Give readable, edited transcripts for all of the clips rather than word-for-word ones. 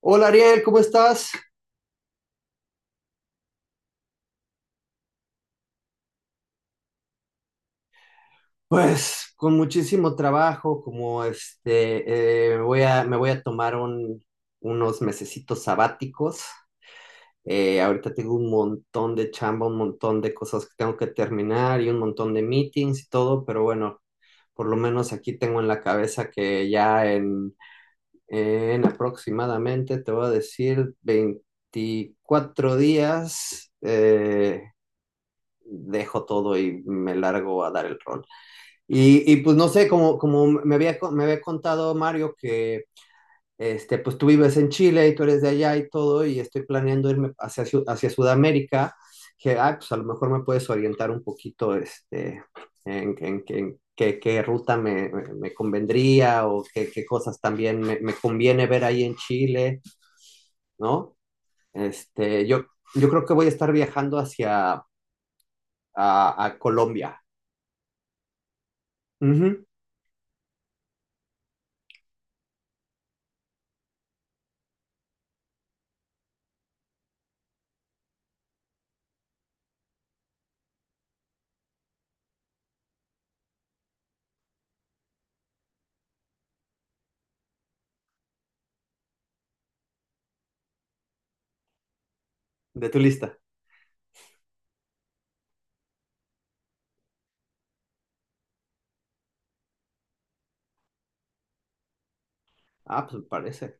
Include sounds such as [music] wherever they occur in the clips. Hola Ariel, ¿cómo estás? Pues con muchísimo trabajo, como este, me voy a tomar unos mesecitos sabáticos. Ahorita tengo un montón de chamba, un montón de cosas que tengo que terminar y un montón de meetings y todo, pero bueno, por lo menos aquí tengo en la cabeza que ya en aproximadamente, te voy a decir, 24 días, dejo todo y me largo a dar el rol. Pues no sé, como me había contado Mario que este, pues tú vives en Chile y tú eres de allá y todo, y estoy planeando irme hacia Sudamérica, que pues a lo mejor me puedes orientar un poquito este, en qué ruta me convendría o qué cosas también me conviene ver ahí en Chile, ¿no? Este, yo, yo creo que voy a estar viajando hacia a Colombia. Ujú. De tu lista. Ah, pues me parece.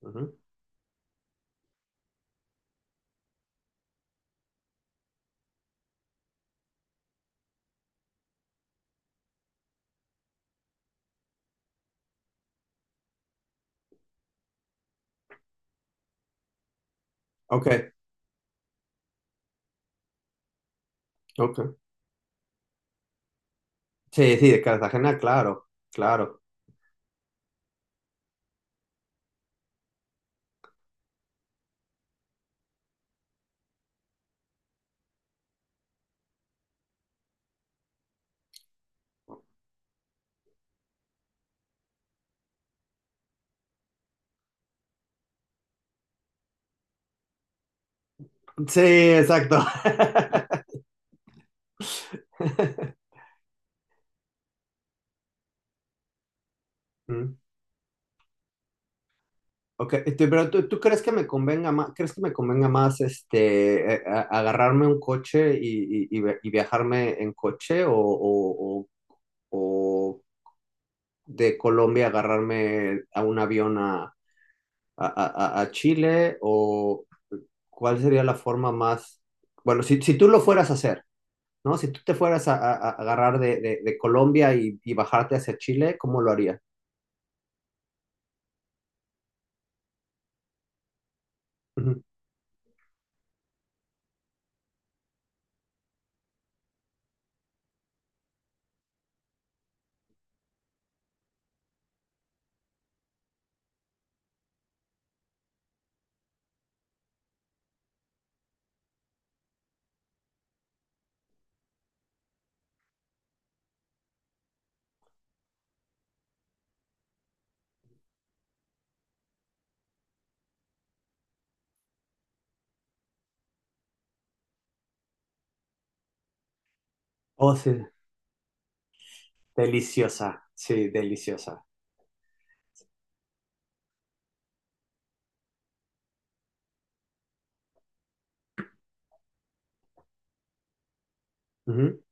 Ujú. Ok. Ok. Sí, sí, de Cartagena, claro, claro. Sí, exacto. [laughs] Mm. Ok, este, pero ¿tú crees que me convenga más, este, agarrarme un coche y viajarme en coche o de Colombia agarrarme a un avión a Chile? ¿O cuál sería la forma más, bueno, si tú lo fueras a hacer, ¿no? Si tú te fueras a agarrar de Colombia y bajarte hacia Chile, ¿cómo lo haría? Ujú. Oh, sí, deliciosa, sí, deliciosa. Ujú.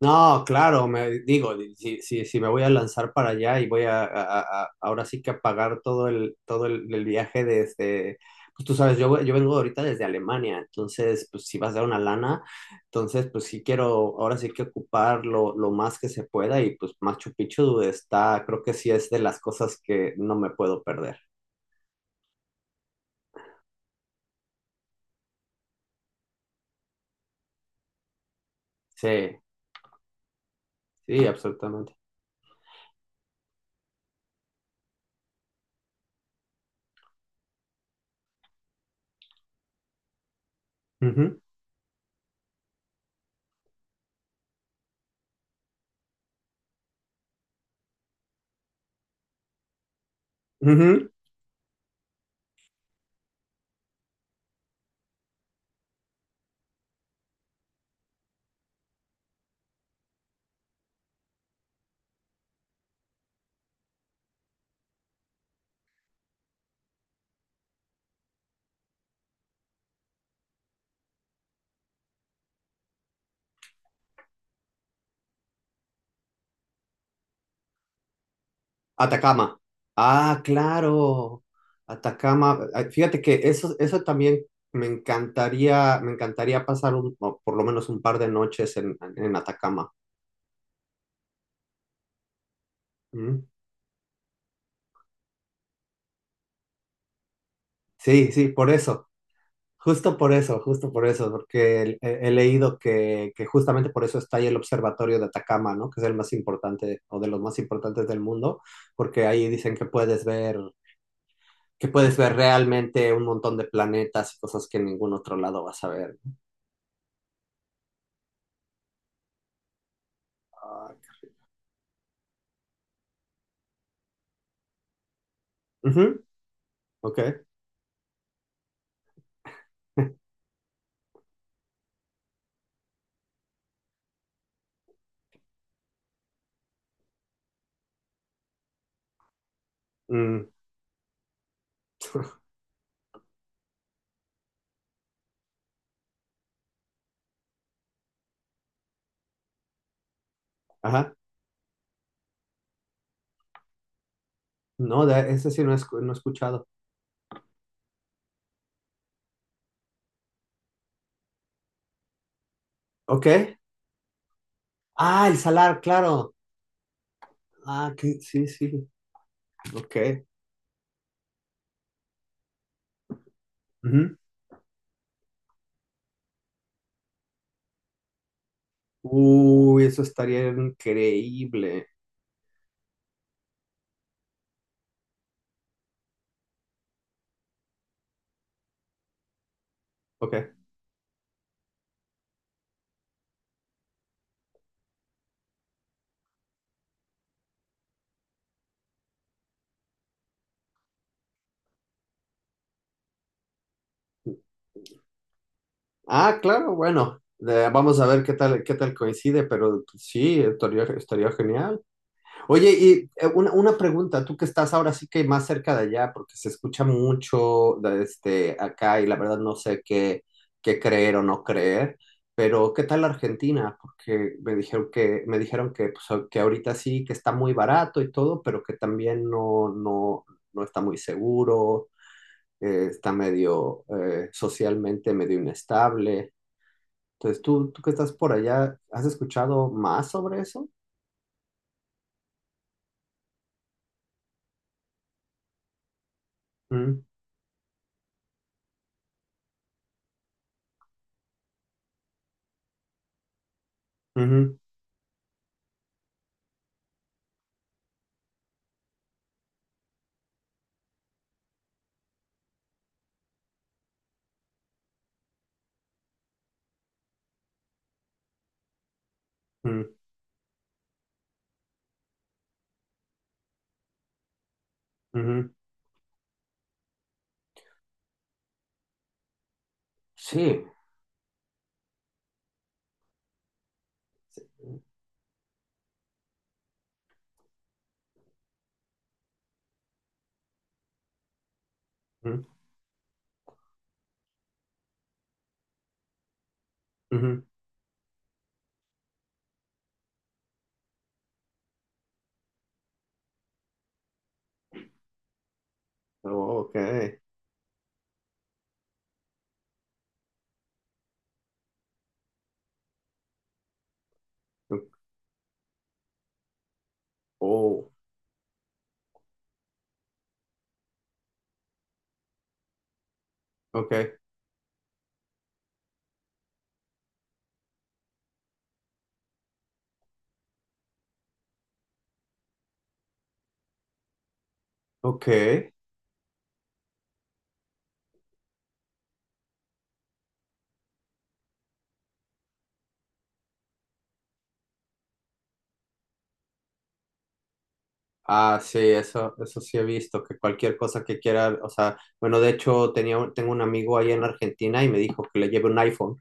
No, claro, me digo, si me voy a lanzar para allá y voy ahora sí que a pagar todo el viaje desde, pues tú sabes, yo vengo ahorita desde Alemania, entonces, pues si vas a dar una lana, entonces, pues sí quiero, ahora sí que ocupar lo más que se pueda y pues Machu Picchu está, creo que sí es de las cosas que no me puedo perder. Sí, sí, absolutamente. Ujú, ujú. Atacama. Ah, claro. Atacama. Ah, fíjate que eso también me encantaría pasar o por lo menos un par de noches en Atacama. Mm. Sí, sí, por eso. Justo por eso, justo por eso, porque he leído que justamente por eso está ahí el observatorio de Atacama, ¿no? Que es el más importante o de los más importantes del mundo, porque ahí dicen que puedes ver realmente un montón de planetas y cosas que en ningún otro lado vas a ver. Ah. Ujú. Ok. [laughs] Mm, ajá. No, ese sí no he escuchado. Ok. Ah, el salar, claro. Ah, sí, sí. Ok. Ujú. Uy, eso estaría increíble. Ok. Ah, claro, bueno. Vamos a ver qué tal coincide, pero sí, estaría genial. Oye, y una pregunta, tú que estás ahora sí que más cerca de allá, porque se escucha mucho de este acá y la verdad no sé qué creer o no creer, pero ¿qué tal Argentina? Porque me dijeron que, pues, que ahorita sí, que está muy barato y todo, pero que también no está muy seguro, está medio socialmente medio inestable. Entonces, tú que estás por allá, ¿has escuchado más sobre eso? Mm, ujú, mm, ujú. Sí. Ujú, ujú. Oh, okay. Oh, okay, okay. Ah, sí, eso sí he visto, que cualquier cosa que quiera, o sea, bueno, de hecho tengo un amigo ahí en Argentina y me dijo que le lleve un iPhone.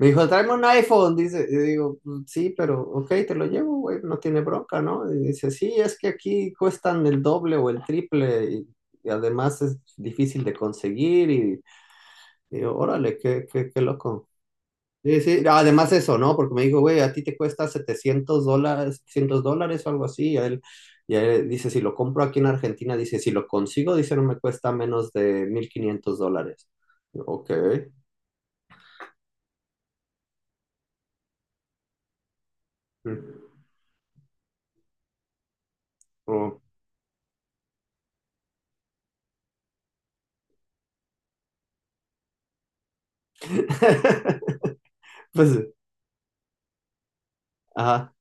Me dijo, tráeme un iPhone, dice, y digo, "Mm, sí, pero, ok, te lo llevo, güey, no tiene bronca, ¿no?" Y dice, sí, es que aquí cuestan el doble o el triple y, además es difícil de conseguir y, digo, órale, qué loco. Sí, sí, además eso, ¿no? Porque me dijo, güey, a ti te cuesta $700, $700 o algo así. Y a él dice, si lo compro aquí en Argentina, dice, si lo consigo, dice, no me cuesta menos de $1.500. Ok. Mm, oh. [laughs] Pues, ajá,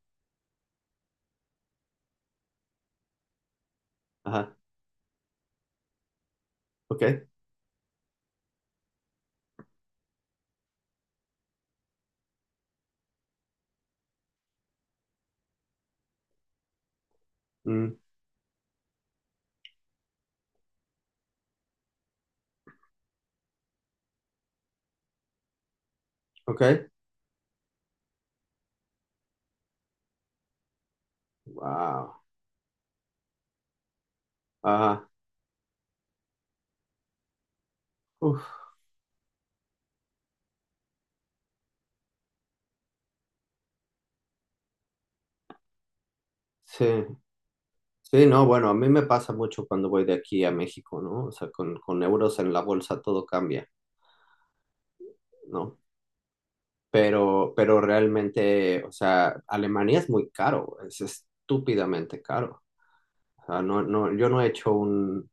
ajá, ok. Mm, ok, wow, ajá, uf, sí. Sí, no, bueno, a mí me pasa mucho cuando voy de aquí a México, ¿no? O sea, con euros en la bolsa todo cambia, ¿no? Pero realmente, o sea, Alemania es muy caro, es estúpidamente caro. O sea, yo no he hecho un,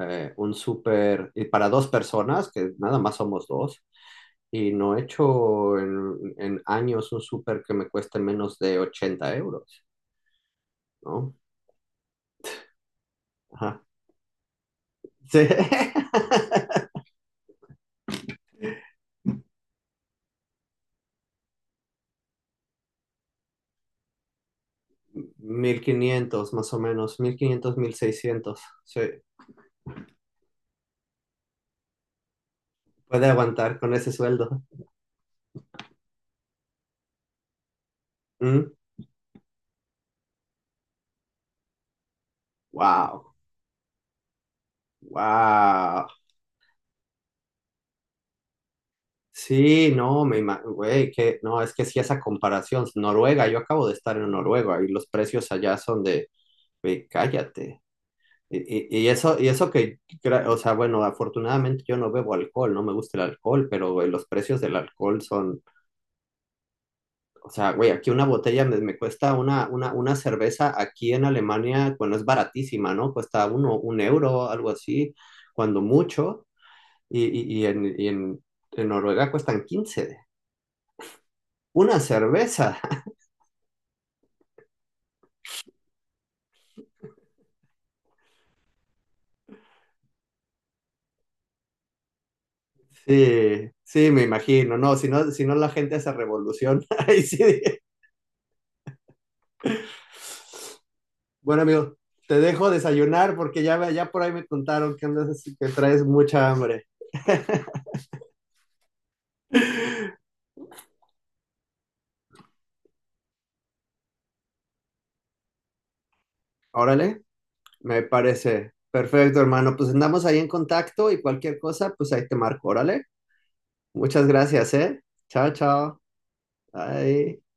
eh, un súper, y para dos personas, que nada más somos dos, y no he hecho en años un súper que me cueste menos de 80 euros, ¿no? Ajá. Sí. [laughs] 1.500 más o menos, 1.500 1.600 sí. Puede aguantar con ese sueldo. ¿Mm? Wow, wow. Sí, no, me imagino, güey, que no, es que sí esa comparación, Noruega, yo acabo de estar en Noruega y los precios allá son de, güey, cállate. Y, y eso que, o sea, bueno, afortunadamente yo no bebo alcohol, no me gusta el alcohol, pero güey, los precios del alcohol son, o sea, güey, aquí una botella me cuesta una, cerveza aquí en Alemania, bueno, es baratísima, ¿no? Cuesta 1 euro, algo así, cuando mucho, y en Noruega cuestan 15, una cerveza. Sí, sí, me imagino, no, si no la gente se revoluciona. [laughs] Ahí sí. Bueno, amigo, te dejo desayunar porque ya por ahí me contaron que andas así, que traes mucha hambre. Órale, me parece. Perfecto, hermano. Pues andamos ahí en contacto y cualquier cosa, pues ahí te marco. Órale. Muchas gracias, ¿eh? Chao, chao. Bye.